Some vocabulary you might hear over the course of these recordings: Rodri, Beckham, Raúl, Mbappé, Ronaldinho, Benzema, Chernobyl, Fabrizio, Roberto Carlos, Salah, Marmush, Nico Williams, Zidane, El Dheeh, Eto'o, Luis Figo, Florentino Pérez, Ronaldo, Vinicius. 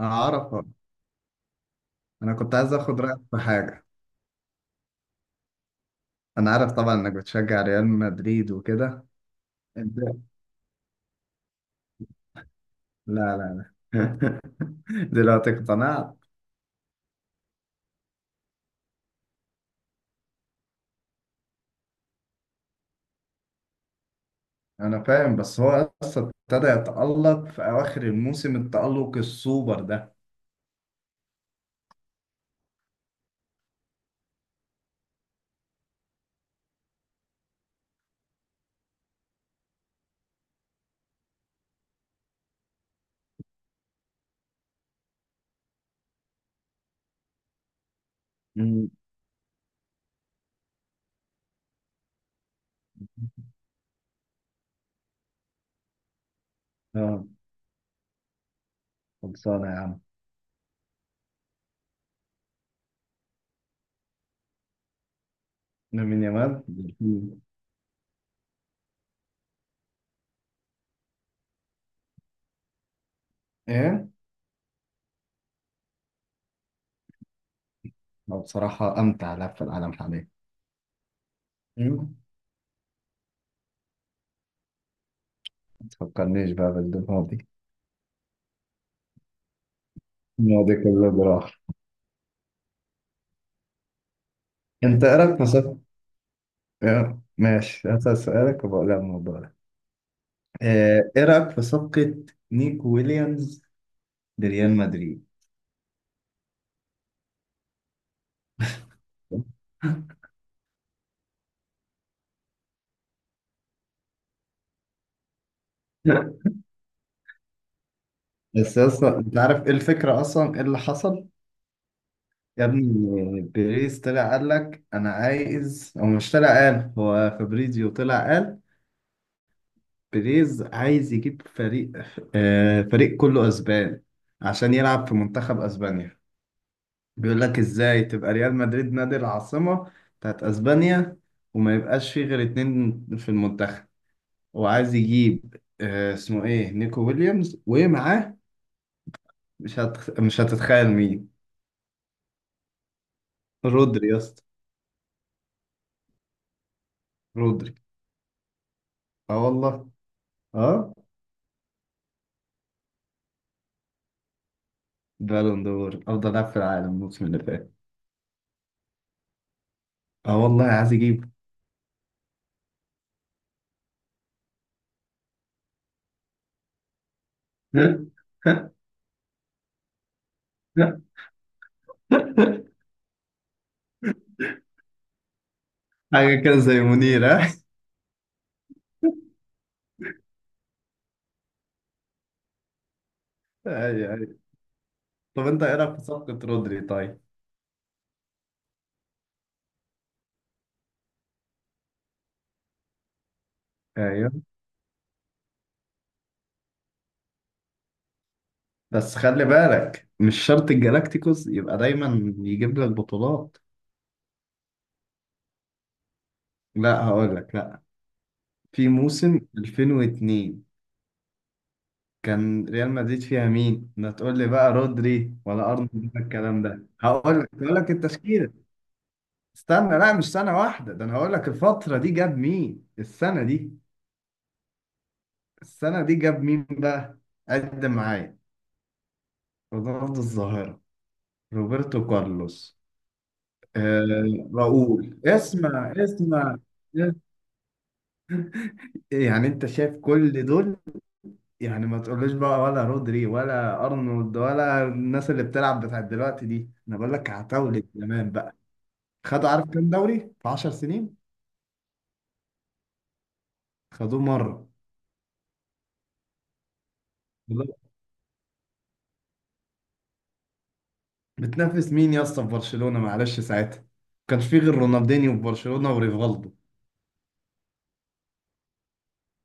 اعرف. انا كنت عايز اخد رايك في حاجه. انا عارف طبعا انك بتشجع ريال مدريد وكده. انت، لا لا لا دلوقتي اقتنعت. انا فاهم، بس هو اصلا ابتدى يتالق في اواخر الموسم، التالق السوبر ده. أمم. اه، خلصانه يا عم. لامين يامال دلفين. ايه، هو بصراحه امتع لاعب في العالم حاليا. أمم. ما تفكرنيش بقى بالماضي، الماضي كله براح. انت ايه رايك في صف-؟ إيه؟ ماشي، هسأل سؤالك وبقول لك الموضوع. ايه رأيك في صفقة نيكو ويليامز لريال مدريد؟ بس اصلا انت عارف ايه الفكرة، اصلا ايه اللي حصل. يا ابني، بيريز طلع قال لك انا عايز، او مش طلع قال، هو فابريزيو طلع قال بيريز عايز يجيب فريق، فريق كله اسبان عشان يلعب في منتخب اسبانيا. بيقول لك ازاي تبقى ريال مدريد نادي العاصمة بتاعت اسبانيا، وما يبقاش فيه غير اتنين في المنتخب. وعايز يجيب، اسمه ايه، نيكو ويليامز، ومعاه مش هتتخيل مين. رودري يا اسطى. رودري. اه والله. اه، بالون دور، افضل لاعب في العالم الموسم اللي فات. اه والله، عايز يجيب. حاجه كده زي منير، ها؟ ايوه، ايوه. طب انت ايه رايك في صفقه رودري طيب؟ ايوه. بس خلي بالك، مش شرط الجالاكتيكوس يبقى دايما يجيب لك بطولات. لا هقول لك، لا. في موسم 2002، كان ريال مدريد فيها مين؟ ما تقول لي بقى رودري ولا ارنولد ولا الكلام ده، هقول لك التشكيله. استنى، لا مش سنه واحده، ده انا هقول لك الفتره دي جاب مين. السنه دي، السنه دي جاب مين بقى. قدم معايا، رونالدو الظاهره، روبرتو كارلوس، آه، راؤول. اسمع اسمع، يعني انت شايف كل دول، يعني ما تقولوش بقى ولا رودري ولا ارنولد ولا الناس اللي بتلعب بتاعت دلوقتي دي، انا بقول لك عتاولة زمان بقى. خد، عارف كام دوري في 10 سنين؟ خدوه مره. بالظبط. بتنافس مين يا اسطى في برشلونه؟ معلش ساعتها ما كانش فيه غير رونالدينيو في برشلونه، وريفالدو،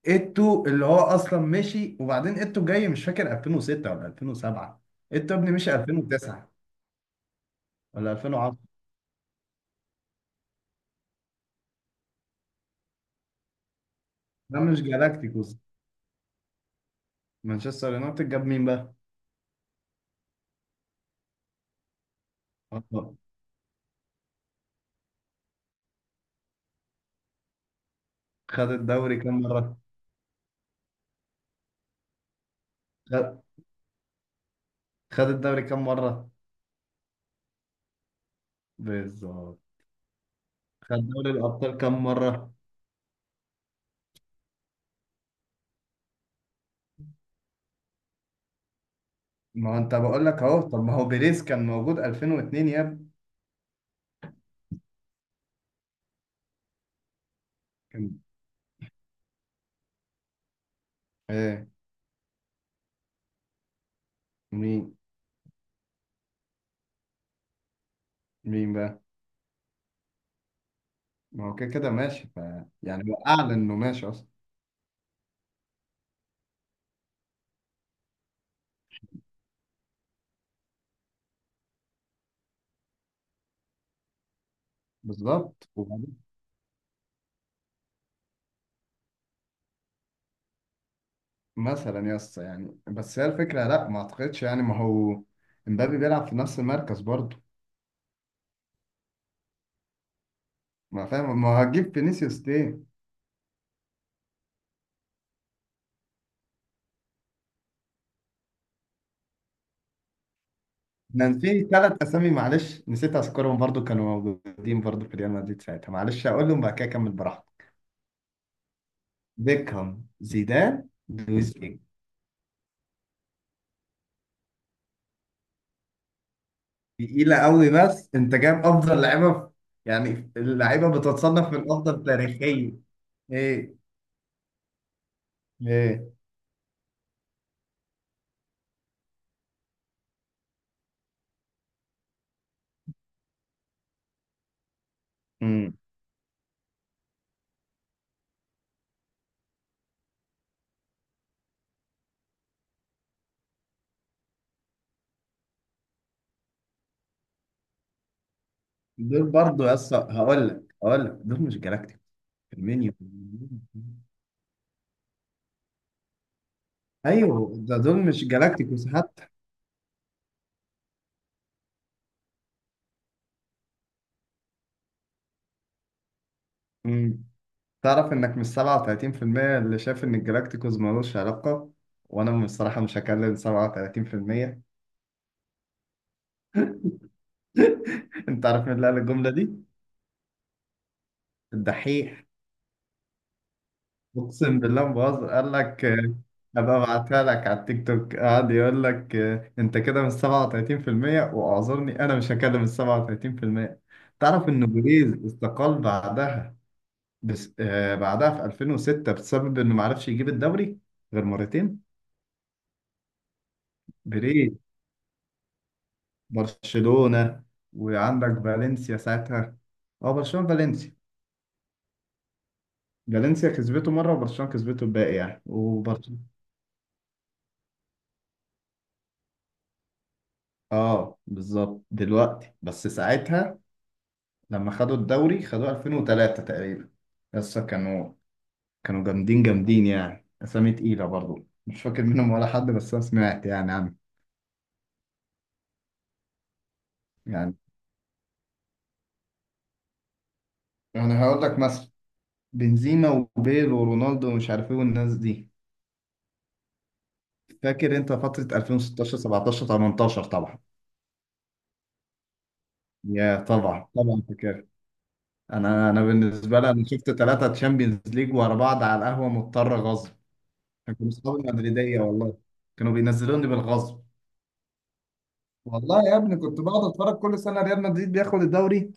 ايتو اللي هو اصلا مشي، وبعدين ايتو جاي مش فاكر 2006 ولا 2007. ايتو ابني مشي 2009 ولا 2010. ده مش جالاكتيكوس. مانشستر يونايتد جاب مين بقى؟ آه. خد الدوري كام مره؟ خد خد الدوري كام مره؟ بالظبط. خد دوري الابطال كام مره؟ ما هو انت بقول لك اهو. طب ما هو بيريز كان موجود 2002 يا ابني. كان، ايه، مين مين بقى؟ ما هو كده كده ماشي، ف، يعني هو اعلن انه ماشي اصلا. بالظبط. وبعدين مثلا يا اسطى، يعني بس هي الفكره، لا ما اعتقدش، يعني ما هو امبابي بيلعب في نفس المركز برضه. ما فاهم، ما هو هتجيب فينيسيوس ليه؟ كان في ثلاث اسامي، معلش نسيت اذكرهم، برضه كانوا موجودين برضه في ريال مدريد ساعتها، معلش اقولهم بعد كده، اكمل براحتي. بيكهام، زيدان، لويس. تقيلة قوي، بس انت جايب افضل لعيبة في-، يعني اللعيبة بتتصنف من افضل تاريخيا. ايه. ايه. امم. دول برضو يا اسطى، هقول لك دول مش جالاكتيكوس. فيرمينيو. ايوه، ده دول مش جالاكتيكوس حتى. امم. تعرف انك مش 37% اللي شايف ان الجالاكتيكوس ملوش علاقة، وانا بصراحة مش هكلم 37%. انت عارف مين اللي قال الجملة دي؟ الدحيح. اقسم بالله ما بهزر، قال لك ابقى ابعتها لك على التيك توك. قعد يقول لك انت كده من 37% واعذرني انا مش هكلم ال 37%. تعرف ان بيريز استقال بعدها، بس بعدها في 2006، بسبب انه ما عرفش يجيب الدوري غير مرتين. بيريز، برشلونة، وعندك فالنسيا ساعتها. اه، برشلونة فالنسيا. فالنسيا كسبته مرة، وبرشلونة كسبته الباقي يعني. وبرشلونة، اه بالظبط دلوقتي، بس ساعتها لما خدوا الدوري، خدوه 2003 تقريبا. لسه كانوا جامدين جامدين، يعني أسامي تقيلة برضو، مش فاكر منهم ولا حد، بس أنا سمعت يعني عنه. يعني أنا هقول لك مثلا بنزيما وبيل ورونالدو، ومش عارف إيه، والناس دي. فاكر أنت فترة 2016، 17، 18 طبعا. يا طبعا طبعا فاكر. أنا بالنسبة لي، أنا شفت ثلاثة تشامبيونز ليج ورا بعض على القهوة مضطر غصب. كانوا أصحابي مدريدية والله. كانوا بينزلوني بالغصب. والله يا ابني، كنت بقعد اتفرج كل سنه ريال مدريد بياخد الدوري.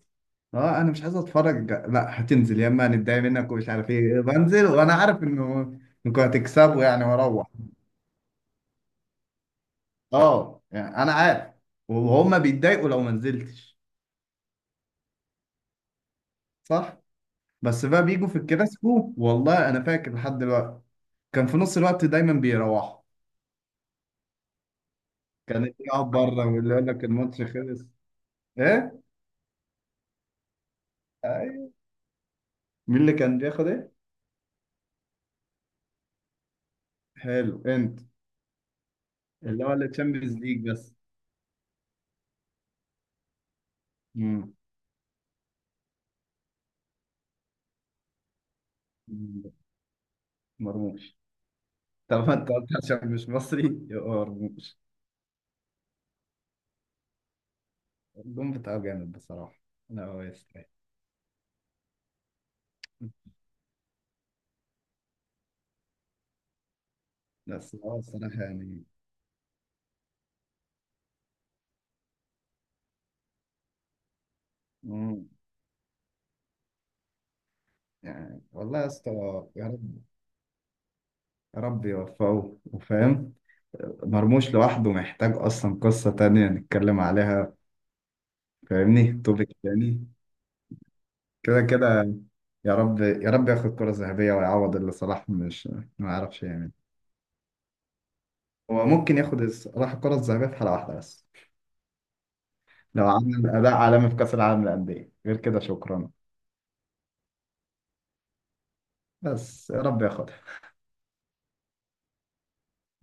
اه انا مش عايز اتفرج، لا هتنزل يا اما هنتضايق منك، ومش عارف ايه، بنزل وانا عارف انه انكم هتكسبوا يعني، واروح. اه، يعني انا عارف، وهم بيتضايقوا لو ما نزلتش. صح. بس بقى بيجوا في الكلاسيكو، والله انا فاكر لحد دلوقتي، كان في نص الوقت دايما بيروحوا. كان اللي يقعد بره، واللي يقول لك الماتش خلص. ايه. أيوة. مين اللي كان بياخد ايه. حلو انت. اللي هو اللي تشامبيونز ليج بس. مم. مرموش. طب ما انت قلت عشان مش مصري، يبقى مرموش. الجون بتاعه جامد بصراحة. لا هو يستاهل. بس هو الصراحة يعني. مم. يعني والله يا اسطى، يا رب، يا رب يوفقه وفاهم. مرموش لوحده محتاج أصلا قصة تانية نتكلم عليها. فاهمني، توبيك تاني. كده كده، يا رب يا رب ياخد كرة ذهبية ويعوض اللي صلاح مش ما يعرفش يعني. هو ممكن ياخد صلاح الكرة الذهبية في حلقة واحدة، بس لو عمل اداء عالمي في كاس العالم للانديه، غير كده شكرا. بس يا رب ياخد